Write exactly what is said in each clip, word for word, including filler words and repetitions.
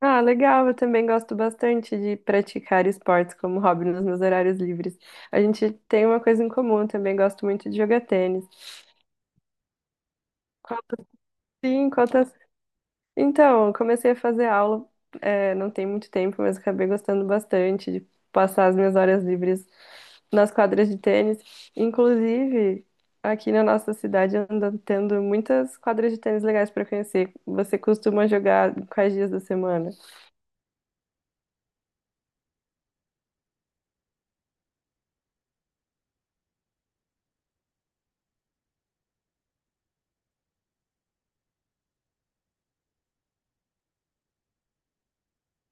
Ah, legal. Eu também gosto bastante de praticar esportes como hobby nos meus horários livres. A gente tem uma coisa em comum, eu também gosto muito de jogar tênis. Quanto sim, quantas. Então, eu comecei a fazer aula, é, não tem muito tempo, mas acabei gostando bastante de passar as minhas horas livres nas quadras de tênis. Inclusive, aqui na nossa cidade anda tendo muitas quadras de tênis legais para conhecer. Você costuma jogar quais dias da semana?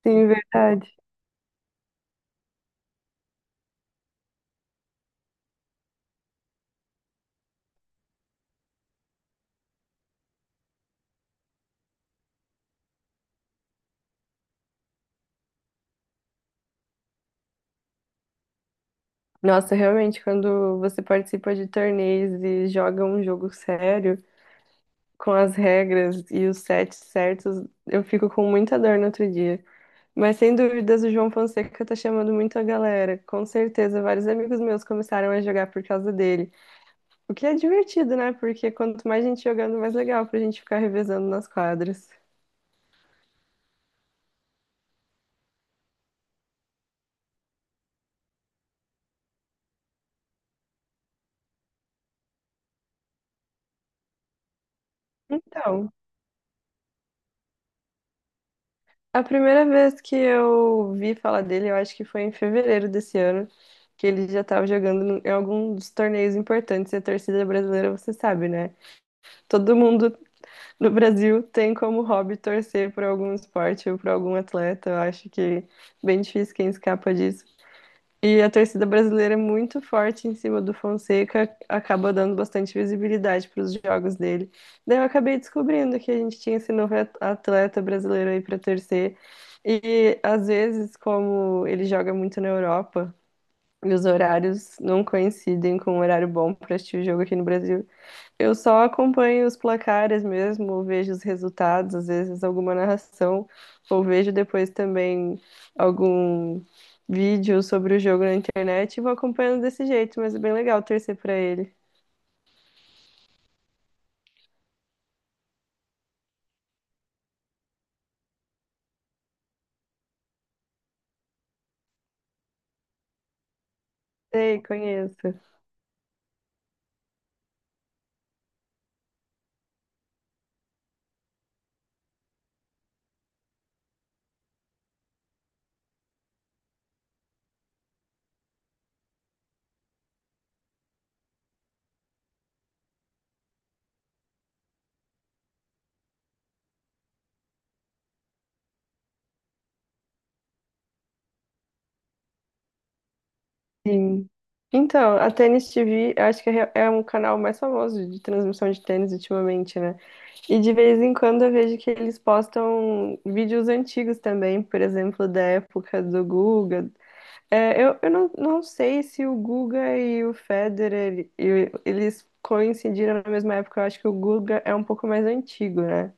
Sim, verdade. Nossa, realmente, quando você participa de torneios e joga um jogo sério, com as regras e os sets certos, eu fico com muita dor no outro dia. Mas sem dúvidas, o João Fonseca tá chamando muito a galera. Com certeza, vários amigos meus começaram a jogar por causa dele. O que é divertido, né? Porque quanto mais gente jogando, mais legal pra gente ficar revezando nas quadras. Então. A primeira vez que eu vi falar dele, eu acho que foi em fevereiro desse ano, que ele já estava jogando no- em algum dos torneios importantes. E a torcida brasileira, você sabe, né? Todo mundo no Brasil tem como hobby torcer por algum esporte ou por algum atleta. Eu acho que é bem difícil quem escapa disso. E a torcida brasileira é muito forte em cima do Fonseca, acaba dando bastante visibilidade para os jogos dele. Daí eu acabei descobrindo que a gente tinha esse novo at- atleta brasileiro aí para torcer. E às vezes, como ele joga muito na Europa, e os horários não coincidem com um horário bom para assistir o jogo aqui no Brasil, eu só acompanho os placares mesmo, ou vejo os resultados, às vezes alguma narração, ou vejo depois também algum vídeo sobre o jogo na internet e vou acompanhando desse jeito, mas é bem legal torcer pra ele. Sei, conheço. Sim. Então, a Tênis T V, eu acho que é é um canal mais famoso de transmissão de tênis ultimamente, né? E de vez em quando eu vejo que eles postam vídeos antigos também, por exemplo, da época do Guga. É, eu, eu não, não sei se o Guga e o Federer e- eles coincidiram na mesma época. Eu acho que o Guga é um pouco mais antigo, né?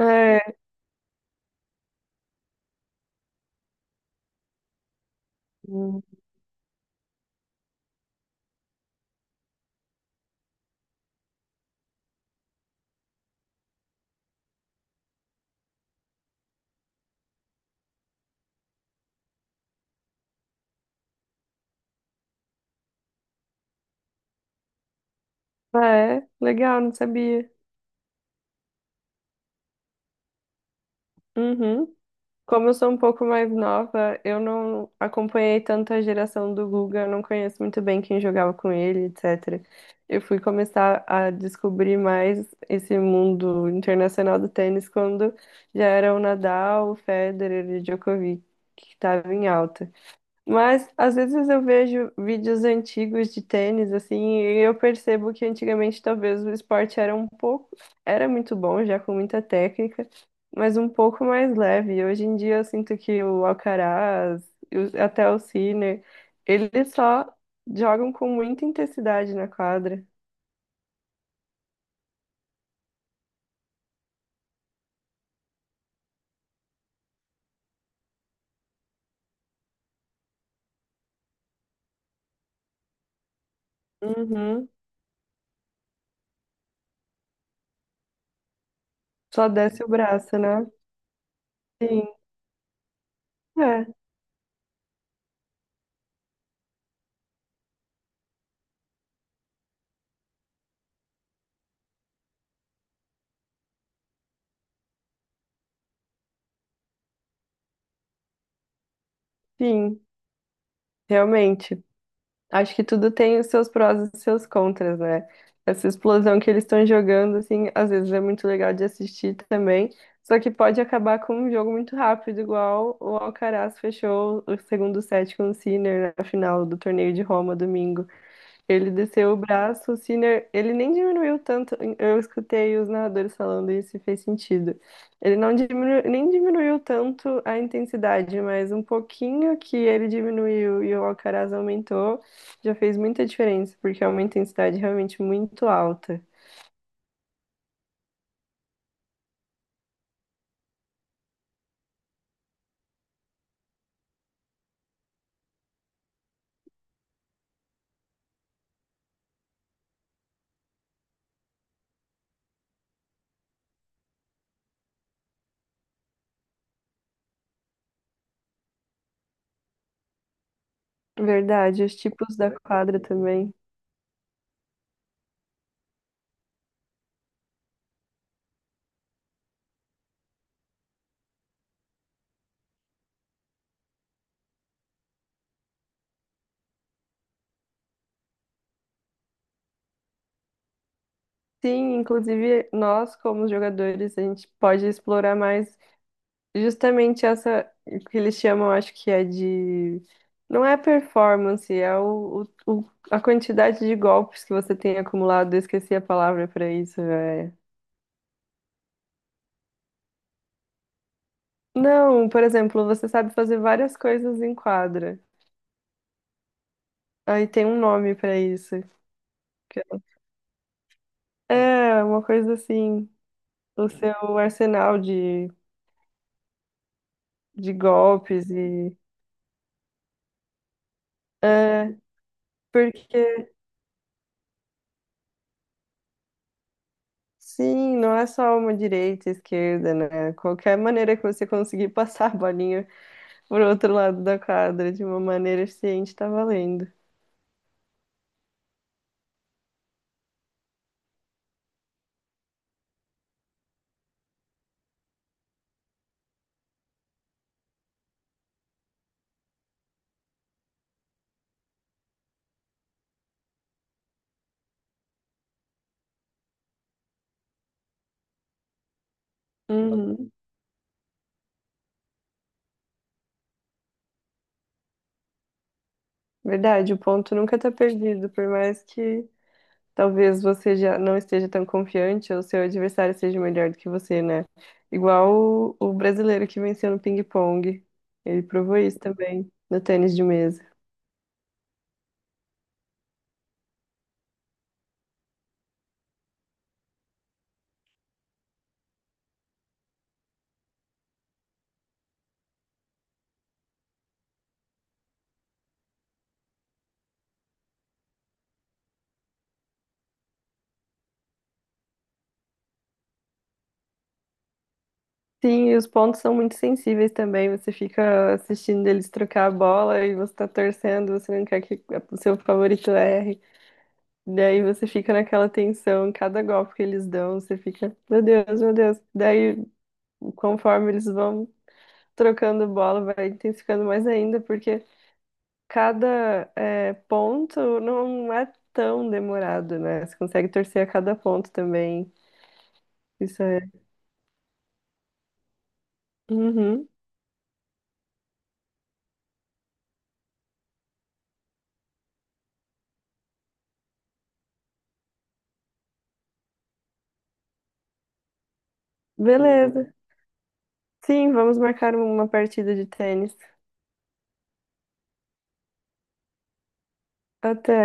É. Hum. Ah, é legal, não sabia. Uhum. Como eu sou um pouco mais nova, eu não acompanhei tanto a geração do Guga, eu não conheço muito bem quem jogava com ele, etcétera. Eu fui começar a descobrir mais esse mundo internacional do tênis quando já era o Nadal, o Federer e o Djokovic que estavam em alta. Mas às vezes eu vejo vídeos antigos de tênis, assim, e eu percebo que antigamente talvez o esporte era um pouco, era muito bom, já com muita técnica, mas um pouco mais leve. Hoje em dia eu sinto que o Alcaraz, e os- até o Sinner, eles só jogam com muita intensidade na quadra. Uhum. Só desce o braço, né? Sim, é, sim, realmente. Acho que tudo tem os seus prós e os seus contras, né? Essa explosão que eles estão jogando, assim, às vezes é muito legal de assistir também, só que pode acabar com um jogo muito rápido, igual o Alcaraz fechou o segundo set com o Sinner na final do torneio de Roma domingo. Ele desceu o braço, o Sinner, ele nem diminuiu tanto. Eu escutei os narradores falando isso e fez sentido. Ele não diminuiu, nem diminuiu tanto a intensidade, mas um pouquinho que ele diminuiu e o Alcaraz aumentou, já fez muita diferença, porque é uma intensidade realmente muito alta. Verdade, os tipos da quadra também. Sim, inclusive nós, como jogadores, a gente pode explorar mais justamente essa que eles chamam, acho que é de. Não é performance, é o, o- o- a quantidade de golpes que você tem acumulado. Eu esqueci a palavra para isso, é. Não, por exemplo, você sabe fazer várias coisas em quadra. Aí tem um nome para isso. que É, uma coisa assim. O seu arsenal de, de golpes e. É, porque. Sim, não é só uma direita e esquerda, né? Qualquer maneira que você conseguir passar a bolinha por outro lado da quadra, de uma maneira eficiente, tá valendo. Uhum. Verdade, o ponto nunca tá perdido, por mais que talvez você já não esteja tão confiante ou seu adversário seja melhor do que você, né? Igual o, o brasileiro que venceu no ping-pong. Ele provou isso também no tênis de mesa. Sim, e os pontos são muito sensíveis também. Você fica assistindo eles trocar a bola e você tá torcendo, você não quer que o seu favorito erre. Daí você fica naquela tensão, cada golpe que eles dão, você fica, meu Deus, meu Deus. Daí, conforme eles vão trocando bola, vai intensificando mais ainda, porque cada é, ponto não é tão demorado, né? Você consegue torcer a cada ponto também. Isso é. Uhum. Beleza. Sim, vamos marcar uma partida de tênis. Até.